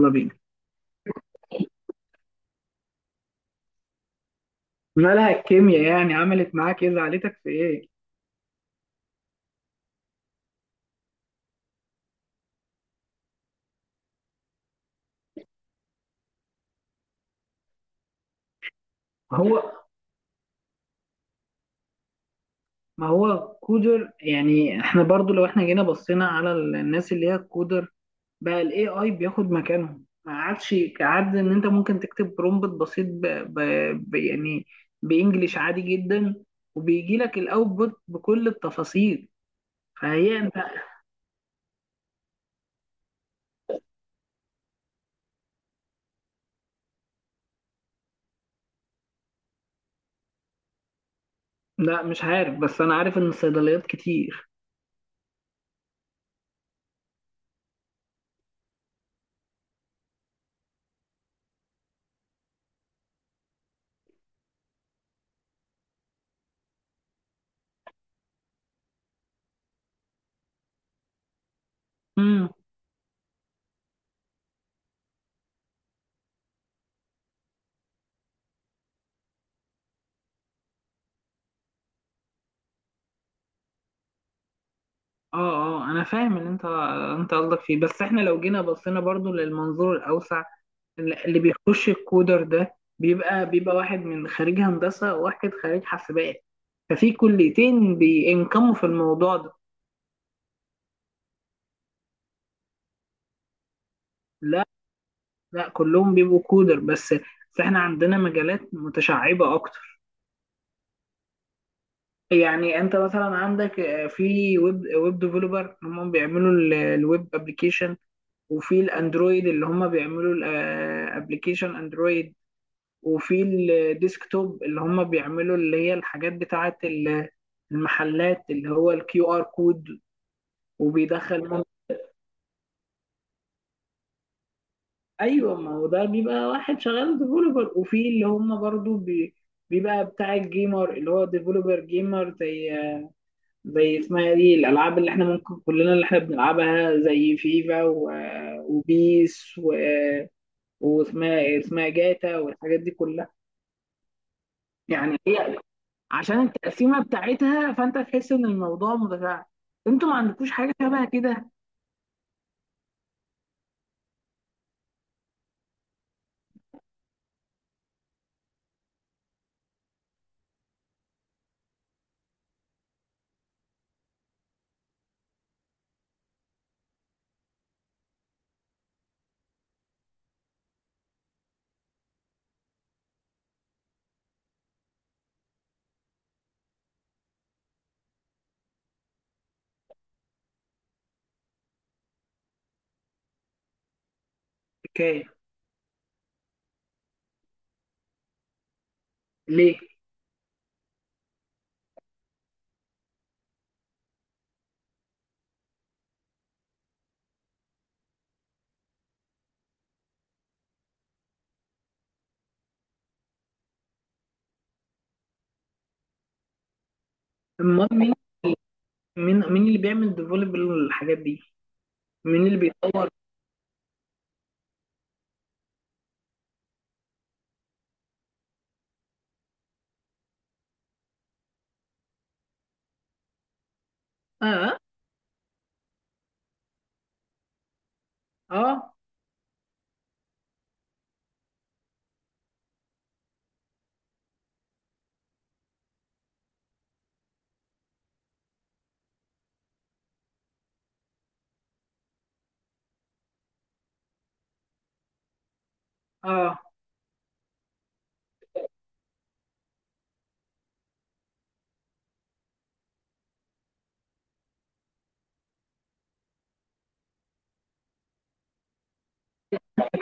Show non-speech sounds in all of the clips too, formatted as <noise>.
يلا بينا. مالها الكيمياء يعني عملت معاك ايه، زعلتك في ايه؟ ما هو، ما هو كودر يعني احنا برضو لو احنا جينا بصينا على الناس اللي هي كودر بقى الاي اي بياخد مكانهم، ما عادش عاد ان انت ممكن تكتب برومبت بسيط ب... ب... ب... يعني بانجليش عادي جدا، وبيجي لك الاوتبوت بكل التفاصيل. فهي انت. لا مش عارف، بس انا عارف ان الصيدليات كتير. اه اه انا فاهم اللي انت، انت قصدك فيه، بس احنا لو جينا بصينا برضو للمنظور الاوسع، اللي بيخش الكودر ده بيبقى واحد من خريج هندسه وواحد خريج حاسبات، ففي كليتين بينكموا في الموضوع ده. لا، لا، كلهم بيبقوا كودر، بس احنا عندنا مجالات متشعبه اكتر. يعني انت مثلا عندك في ويب ديفلوبر هم بيعملوا الويب ابلكيشن، وفي الاندرويد اللي هم بيعملوا الابلكيشن اندرويد، وفي الديسكتوب اللي هم بيعملوا اللي هي الحاجات بتاعة المحلات اللي هو الكيو ار كود. وبيدخل ايوه، ما هو ده بيبقى واحد شغال ديفلوبر، وفي اللي هم برضو بيبقى بتاع الجيمر اللي هو ديفلوبر جيمر، زي زي اسمها دي الالعاب اللي احنا ممكن كلنا اللي احنا بنلعبها، زي فيفا وبيس واسمها، اسمها جاتا والحاجات دي كلها. يعني هي عشان التقسيمه بتاعتها فانت تحس ان الموضوع متفاعل. انتوا ما عندكوش حاجه شبه كده؟ حكايه. ليه؟ امال مين؟ مين، مين اللي بيعمل ديفلوب الحاجات دي؟ مين اللي بيطور؟ اه، اه. اه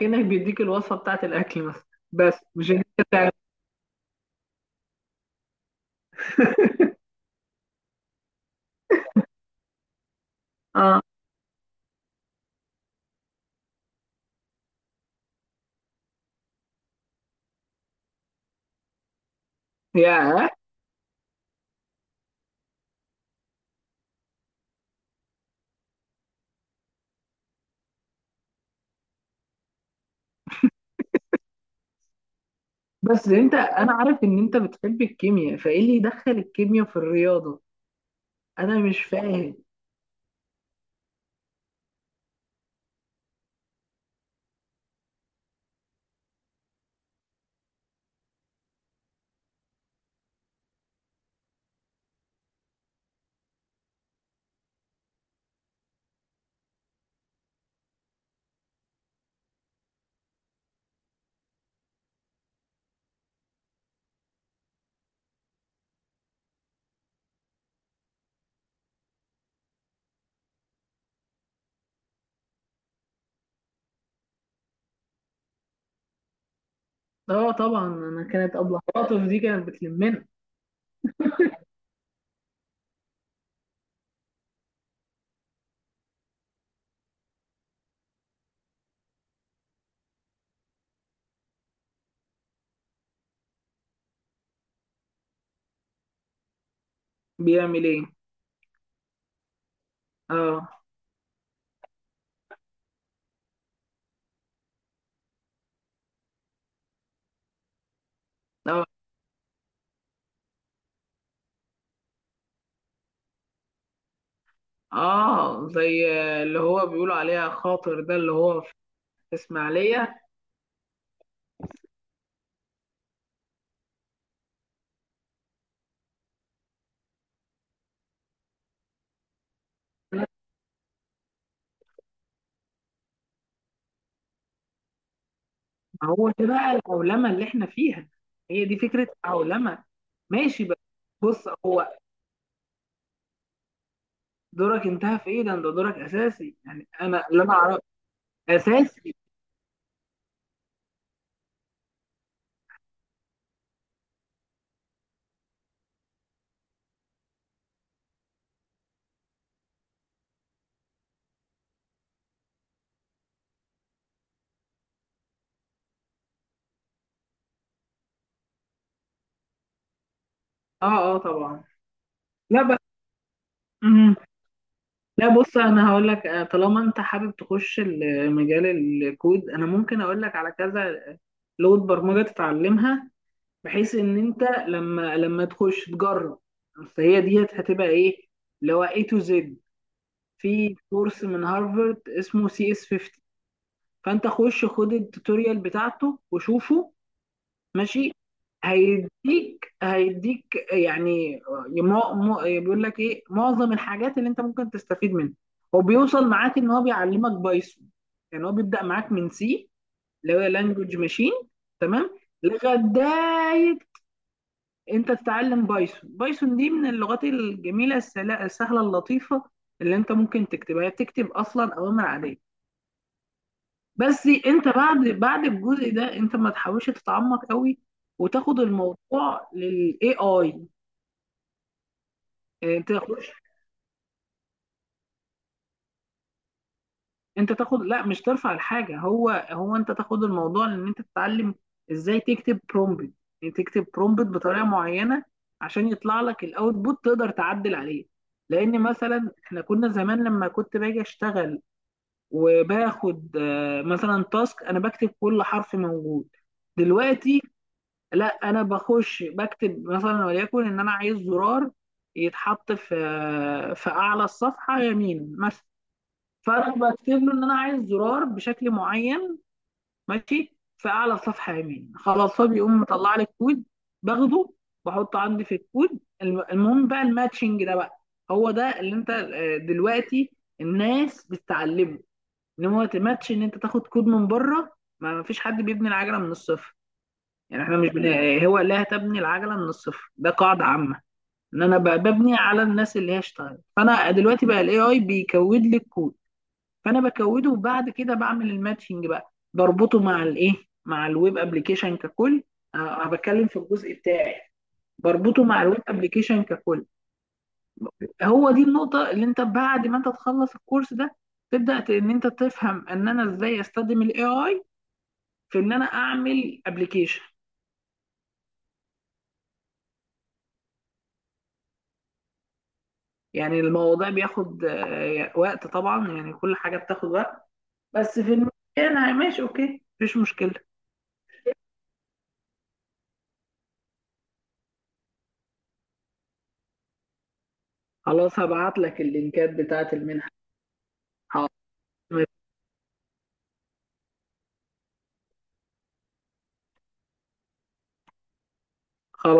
كأنك بيديك الوصفه بتاعت الاكل مثلا. بس مش انت بتاع-. <laughs> اه. يا بس انت، انا عارف ان انت بتحب الكيمياء، فايه اللي يدخل الكيمياء في الرياضه؟ انا مش فاهم. اه طبعا، انا كانت ابله خاطف دي كانت بتلمنا. بيعمل ايه؟ اه. اه. زي اللي هو بيقولوا عليها خاطر ده، اللي هو في اسماعيلية. ما هو ده بقى العولمة اللي احنا فيها، هي دي فكرة العولمة. ماشي بقى. بص هو، دورك انتهى في ايه ده؟ انت دورك اساسي، يعني انا اللي انا اعرفه اساسي. اه، اه طبعا. لا بقى. مم. لا بص، انا هقول لك طالما انت حابب تخش مجال الكود، انا ممكن اقول لك على كذا لغة برمجة تتعلمها، بحيث ان انت لما تخش تجرب، فهي ديت هتبقى ايه، اللي هو A to Z. في كورس من هارفارد اسمه سي اس 50، فانت خش خد التوتوريال بتاعته وشوفه. ماشي، هيديك يعني، مو بيقول لك ايه معظم الحاجات اللي انت ممكن تستفيد منها. هو بيوصل معاك ان هو بيعلمك بايثون. يعني هو بيبدأ معاك من سي اللي هو لانجوج ماشين، تمام، لغايه انت تتعلم بايثون. بايثون دي من اللغات الجميله، السهله اللطيفه، اللي انت ممكن تكتبها، هي بتكتب اصلا اوامر عاديه. بس انت بعد الجزء ده انت ما تحاولش تتعمق قوي، وتاخد الموضوع للاي اي. انت تاخدش، انت تاخد، لا مش ترفع الحاجه، هو هو انت تاخد الموضوع لان انت تتعلم ازاي تكتب برومبت. يعني تكتب برومبت بطريقه معينه عشان يطلع لك الاوتبوت تقدر تعدل عليه. لان مثلا احنا كنا زمان لما كنت باجي اشتغل وباخد مثلا تاسك، انا بكتب كل حرف موجود. دلوقتي لا، انا بخش بكتب مثلا وليكن ان انا عايز زرار يتحط في في اعلى الصفحه يمين مثلا، فانا بكتب له ان انا عايز زرار بشكل معين، ماشي، في اعلى الصفحه يمين، خلاص هو بيقوم مطلع لي الكود، باخده بحطه عندي في الكود. المهم بقى الماتشنج ده بقى، هو ده اللي انت دلوقتي الناس بتتعلمه. ان هو ماتش ان انت تاخد كود من بره، ما فيش حد بيبني العجله من الصفر. يعني احنا مش بن... هو لا تبني العجله من الصفر ده قاعده عامه، ان انا ببني على الناس اللي هي اشتغلت. فانا دلوقتي بقى الاي اي بيكود لي الكود، فانا بكوده وبعد كده بعمل الماتشنج بقى، بربطه مع الايه، مع الويب ابلكيشن ككل. أه أنا بتكلم في الجزء بتاعي، بربطه مع الويب ابلكيشن ككل. هو دي النقطه اللي انت بعد ما انت تخلص الكورس ده تبدا ان انت تفهم ان انا ازاي استخدم الاي اي في ان انا اعمل ابلكيشن. يعني الموضوع بياخد وقت طبعا، يعني كل حاجه بتاخد وقت، بس في المكان ماشي اوكي مفيش مشكله. خلاص هبعت لك اللينكات بتاعت المنحه. حاضر، خلاص.